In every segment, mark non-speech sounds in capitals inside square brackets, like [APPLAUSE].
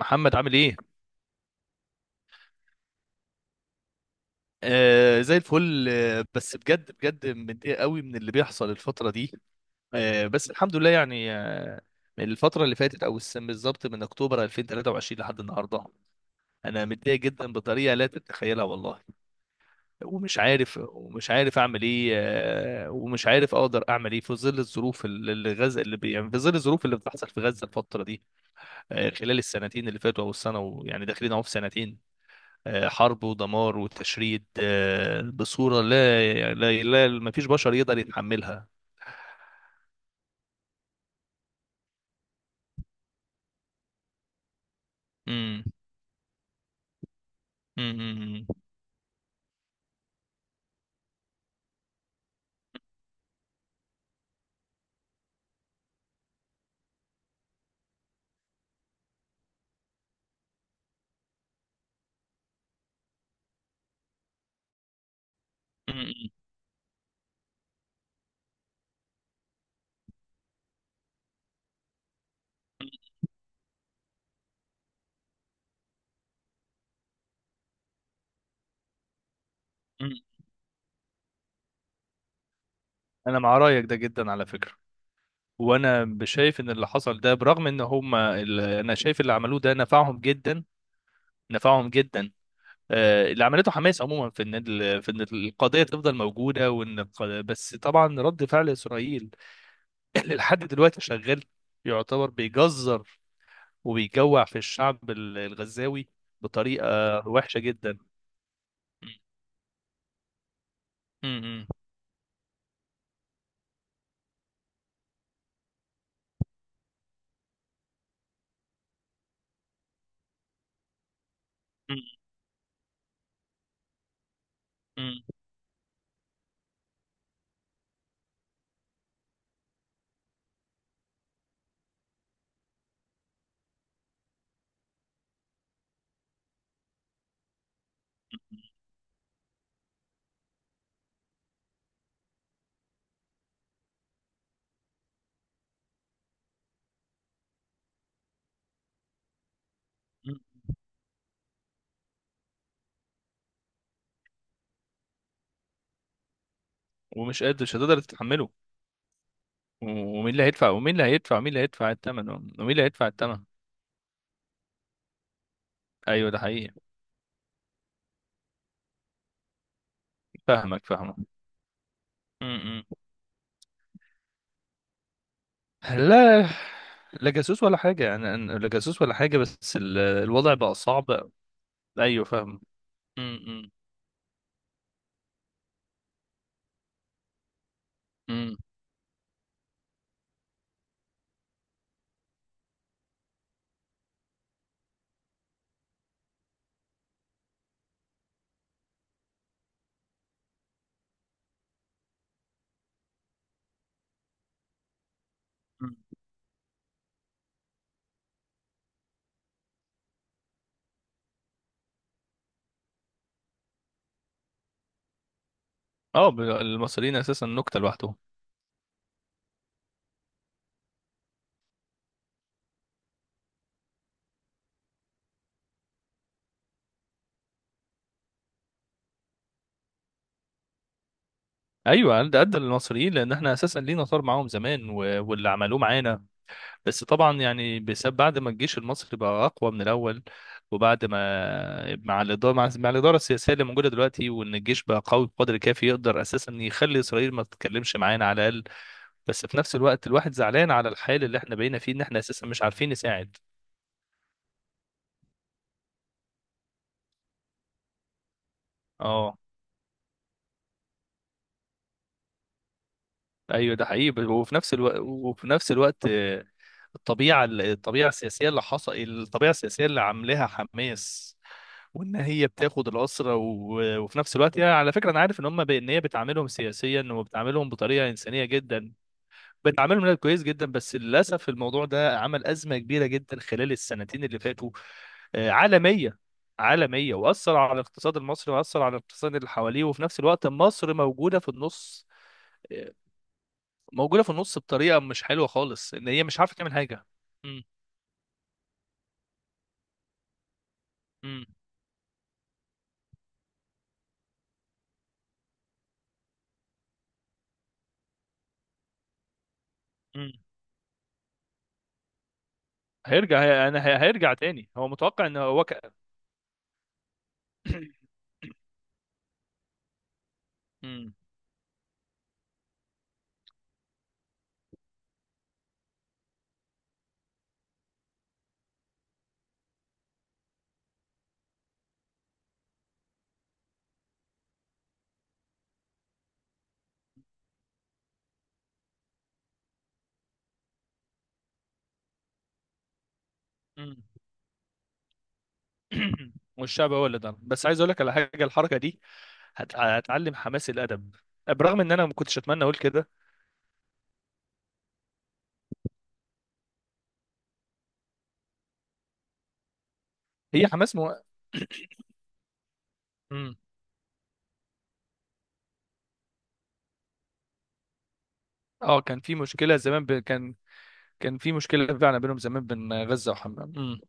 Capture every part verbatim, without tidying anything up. محمد عامل ايه؟ آه زي الفل. آه بس بجد بجد متضايق قوي من اللي بيحصل الفترة دي. آه بس الحمد لله يعني آه من الفترة اللي فاتت او السنة بالظبط، من اكتوبر ألفين وتلاتة وعشرين لحد النهاردة. انا متضايق جدا بطريقة لا تتخيلها والله. ومش عارف ومش عارف اعمل ايه. آه ومش عارف اقدر اعمل ايه في ظل الظروف اللي اللي غزة اللي بي يعني في ظل الظروف اللي بتحصل في غزة الفترة دي. آه خلال السنتين اللي فاتوا او السنة ويعني داخلين اهو في سنتين، آه، حرب ودمار وتشريد، آه، بصورة لا لا، لا ما فيش بشر يقدر يتحملها. مم. مم. مم. مم. مم. انا مع رايك ده جدا على فكرة. وانا شايف ان اللي حصل ده، برغم ان هم انا شايف اللي عملوه ده نفعهم جدا، نفعهم جدا. آه، اللي عملته حماس عموما في ان ال- في ان القضيه تفضل موجوده، وان الق- بس طبعا رد فعل اسرائيل [LAUGHS] اللي لحد دلوقتي شغال يعتبر بيجزر وبيجوع في الشعب ال- الغزاوي بطريقة وحشة جدا. م- م- م- م- م. ومش قادر مش هتقدر تتحمله. و- ومين اللي هيدفع، ومين اللي هيدفع، ومين اللي هيدفع الثمن، ومين اللي هيدفع الثمن. ايوه ده حقيقي. فاهمك فاهمك. م- م. لا، لا جاسوس ولا حاجة، أنا أنا- لا جاسوس ولا حاجة، بس ال- الوضع بقى صعب. أيوه فاهم. م- م- م- م. اه. المصريين أساسا نكتة لوحدهم. ايوه، قد قد المصريين لان احنا اساسا لينا طار معاهم زمان و... واللي عملوه معانا. بس طبعا يعني بسبب بعد ما الجيش المصري بقى اقوى من الاول، وبعد ما مع الاداره مع, مع الاداره السياسيه اللي موجوده دلوقتي، وان الجيش بقى قوي بقدر كافي يقدر اساسا يخلي اسرائيل ما تتكلمش معانا على الاقل. بس في نفس الوقت الواحد زعلان على الحال اللي احنا بقينا فيه، ان احنا اساسا مش عارفين نساعد. اه. ايوه ده حقيقي. ب- وفي نفس الوقت وفي نفس الوقت آه، الطبيعه الطبيعه السياسيه اللي حصل الطبيعه السياسيه اللي عاملاها حماس، وان هي بتاخد الاسرى. و- وفي نفس الوقت، يعني على فكره، انا عارف ان هم، ب- ان هي بتعاملهم سياسيا، وبتعاملهم بطريقه انسانيه جدا، بتعاملهم، لا، كويس جدا. بس للاسف الموضوع ده عمل ازمه كبيره جدا خلال السنتين اللي فاتوا، آه، عالميه، عالميه. واثر على الاقتصاد المصري، واثر على الاقتصاد اللي حواليه. وفي نفس الوقت مصر موجوده في النص، آه، موجوده في النص بطريقه مش حلوه خالص، ان هي مش عارفه تعمل حاجه. مم. مم. مم. هيرجع، هي... انا هي... هيرجع تاني، هو متوقع ان هو ك... [COUGHS] [CLEARS THROAT] مم. مم. [CLEARS THROAT] والشعب هو اللي ضرب. بس عايز اقول لك على حاجه، الحركه دي هت... هتعلم حماس الادب، برغم ان انا ما كنتش اتمنى اقول كده. هي حماس مو... مم. اه كان في مشكله زمان ب... كان كان في مشكله فعلا بينهم زمان بين غزه وحماس. مم.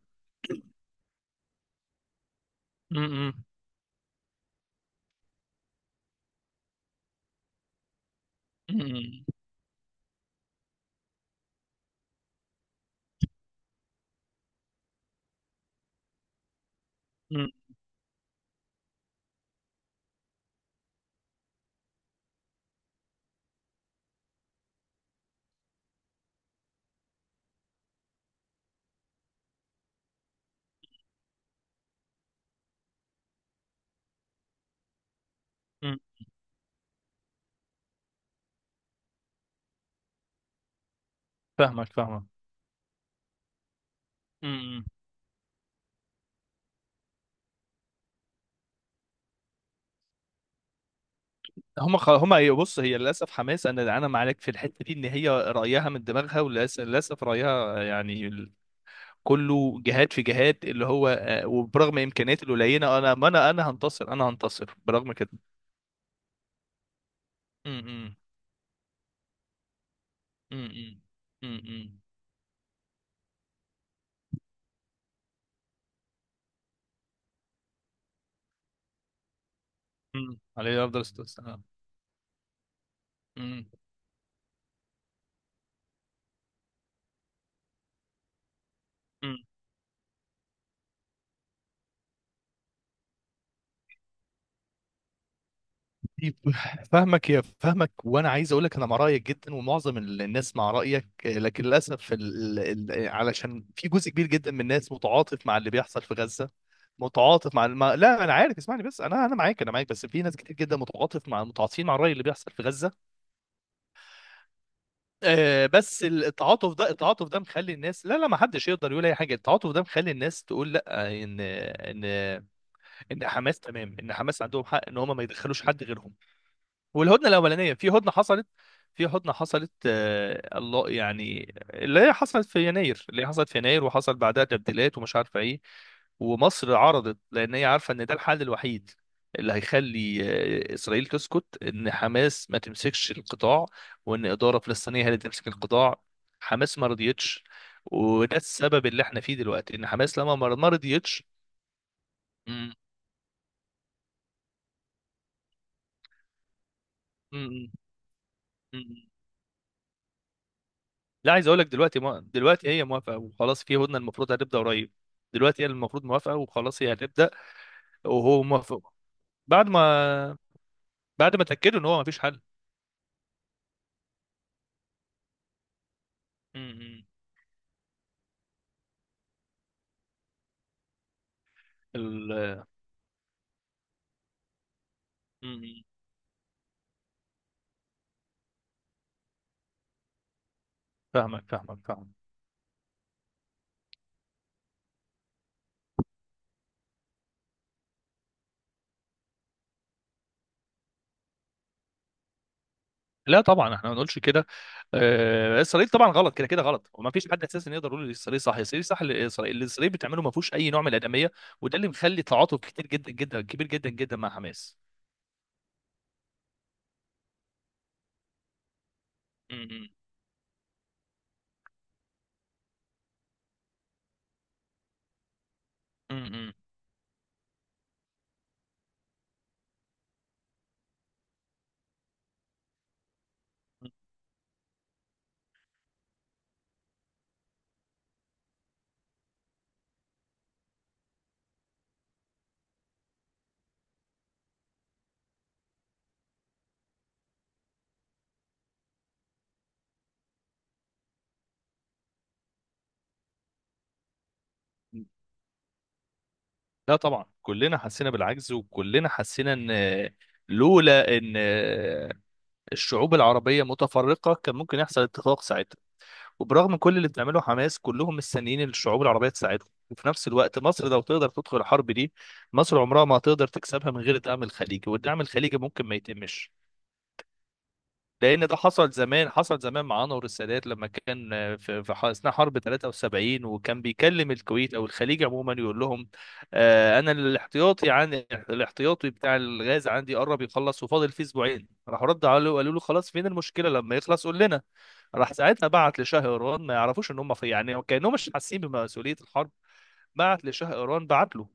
مم. مم. مم. مم. فاهمك فاهمك. مم. هم خ... هم هي- بص، هي للاسف حماس، انا انا معاك في الحته دي، ان هي رايها من دماغها، وللاسف، للأسف رايها يعني ال- كله جهاد في جهاد، اللي هو آه، وبرغم امكانياتي القليله، انا ما انا انا هنتصر، انا هنتصر برغم كده. امم. امم. امم امم عليه افضل الصلاه والسلام. أمم. أمم. طيب، فاهمك يا فاهمك، وانا عايز اقول لك انا مع رايك جدا ومعظم ال- الناس مع رايك. لكن للاسف ال... ال... علشان في جزء كبير جدا من الناس متعاطف مع اللي بيحصل في غزه، متعاطف مع الم... لا، انا عارف، اسمعني بس، انا انا معاك، انا معاك. بس في ناس كتير جدا، متعاطف مع متعاطفين مع الرأي اللي بيحصل في غزة. آه بس التعاطف ده، التعاطف ده مخلي الناس، لا لا، ما حدش يقدر يقول اي حاجة. التعاطف ده مخلي الناس تقول لا، ان ان ان حماس تمام، ان حماس عندهم حق ان هم ما يدخلوش حد غيرهم. والهدنه الاولانيه، في هدنه حصلت، في هدنه حصلت، آه الله، يعني اللي هي حصلت في يناير، اللي هي حصلت في يناير، وحصل بعدها تبديلات ومش عارفه ايه. ومصر عرضت لان هي عارفه ان ده الحل الوحيد اللي هيخلي آه، اسرائيل تسكت، ان حماس ما تمسكش القطاع، وان اداره فلسطينيه هي اللي تمسك القطاع. حماس ما رضيتش، وده السبب اللي احنا فيه دلوقتي، ان حماس لما ما ما رضيتش. مم. مم. مم. لا، عايز اقول لك دلوقتي ما... دلوقتي هي موافقه وخلاص، في هدنه المفروض هتبدا قريب. دلوقتي هي المفروض موافقه، وخلاص هي هتبدا، وهو موافق، بعد ما، بعد ما اتاكدوا ان هو ما فيش حل. امم. ال... امم. فاهمك فاهمك فاهمك. لا طبعا، احنا ما نقولش كده. آه، اسرائيل طبعا غلط، كده كده غلط، وما فيش حد اساسا يقدر يقول اسرائيل صح، اسرائيل صح. اللي اسرائيل اللي اسرائيل بتعمله ما فيهوش اي نوع من الادميه، وده اللي مخلي تعاطف كتير جدا جدا، كبير جدا جدا مع حماس. امم. امم. لا طبعا، كلنا حسينا بالعجز، وكلنا حسينا ان، لولا ان الشعوب العربيه متفرقه، كان ممكن يحصل اتفاق ساعتها. وبرغم كل اللي بتعمله حماس، كلهم مستنيين إن الشعوب العربيه تساعدهم. وفي نفس الوقت مصر لو تقدر تدخل الحرب دي، مصر عمرها ما هتقدر تكسبها من غير دعم الخليجي، والدعم الخليجي ممكن ما يتمش، لان ده حصل زمان، حصل زمان مع انور السادات، لما كان في في ح- اثناء حرب تلاتة وسبعين، وكان بيكلم الكويت او الخليج عموما يقول لهم، آه، انا الاحتياطي عن الاحتياطي بتاع الغاز عندي قرب يخلص، وفاضل فيه اسبوعين. راحوا رد عليه وقالوا له خلاص، فين المشكله لما يخلص قول لنا. راح ساعتها بعت لشاه ايران، ما يعرفوش ان هم في، يعني كانهم مش حاسين بمسؤوليه الحرب. بعت لشاه ايران، بعت له.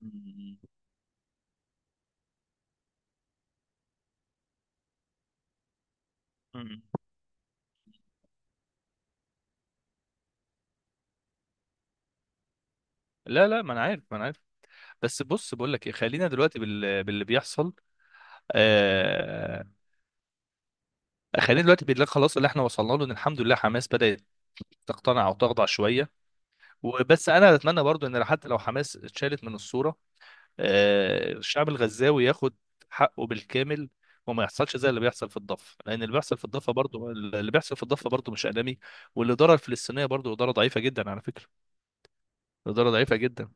مم. مم. لا لا، ما انا عارف، ما انا عارف. بس بص بقول لك ايه، خلينا دلوقتي بال... باللي بيحصل. آه... خلينا دلوقتي بالله، خلاص اللي احنا وصلنا له ان الحمد لله حماس بدأت تقتنع وتخضع شويه. وبس انا اتمنى برضو ان حتى لو حماس اتشالت من الصوره، آه، الشعب الغزاوي ياخد حقه بالكامل، وما يحصلش زي اللي بيحصل في الضفه، لان اللي بيحصل في الضفه برضو، اللي بيحصل في الضفه برضو مش آلامي. والاداره الفلسطينيه برضو اداره ضعيفه جدا على فكره، اداره ضعيفه جدا.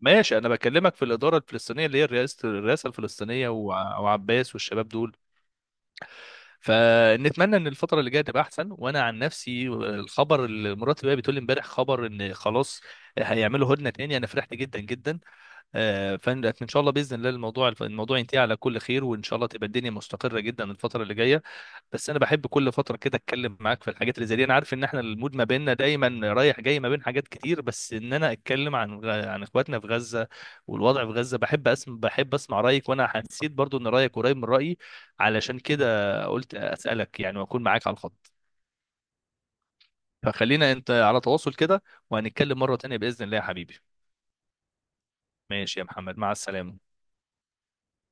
ماشي، انا بكلمك في الاداره الفلسطينيه اللي هي الرئاسه، الرئاسه الفلسطينيه، وع- وعباس والشباب دول. فنتمنى ان الفتره اللي جايه تبقى احسن. وانا عن نفسي، الخبر اللي مراتي بقى بتقول لي امبارح، خبر ان خلاص هيعملوا هدنه تاني، انا فرحت جدا جدا. فان شاء الله، باذن الله، الموضوع الموضوع ينتهي على كل خير، وان شاء الله تبقى الدنيا مستقره جدا الفتره اللي جايه. بس انا بحب كل فتره كده اتكلم معاك في الحاجات اللي زي دي. انا عارف ان احنا المود ما بيننا دايما رايح جاي ما بين حاجات كتير، بس ان انا اتكلم عن عن اخواتنا في غزه والوضع في غزه. بحب اسمع، بحب اسمع رايك، وانا حسيت برضو ان رايك قريب من رايي، علشان كده قلت اسالك يعني واكون معاك على الخط. فخلينا انت على تواصل كده، وهنتكلم مره تانيه باذن الله يا حبيبي. ماشي يا محمد، مع السلامه.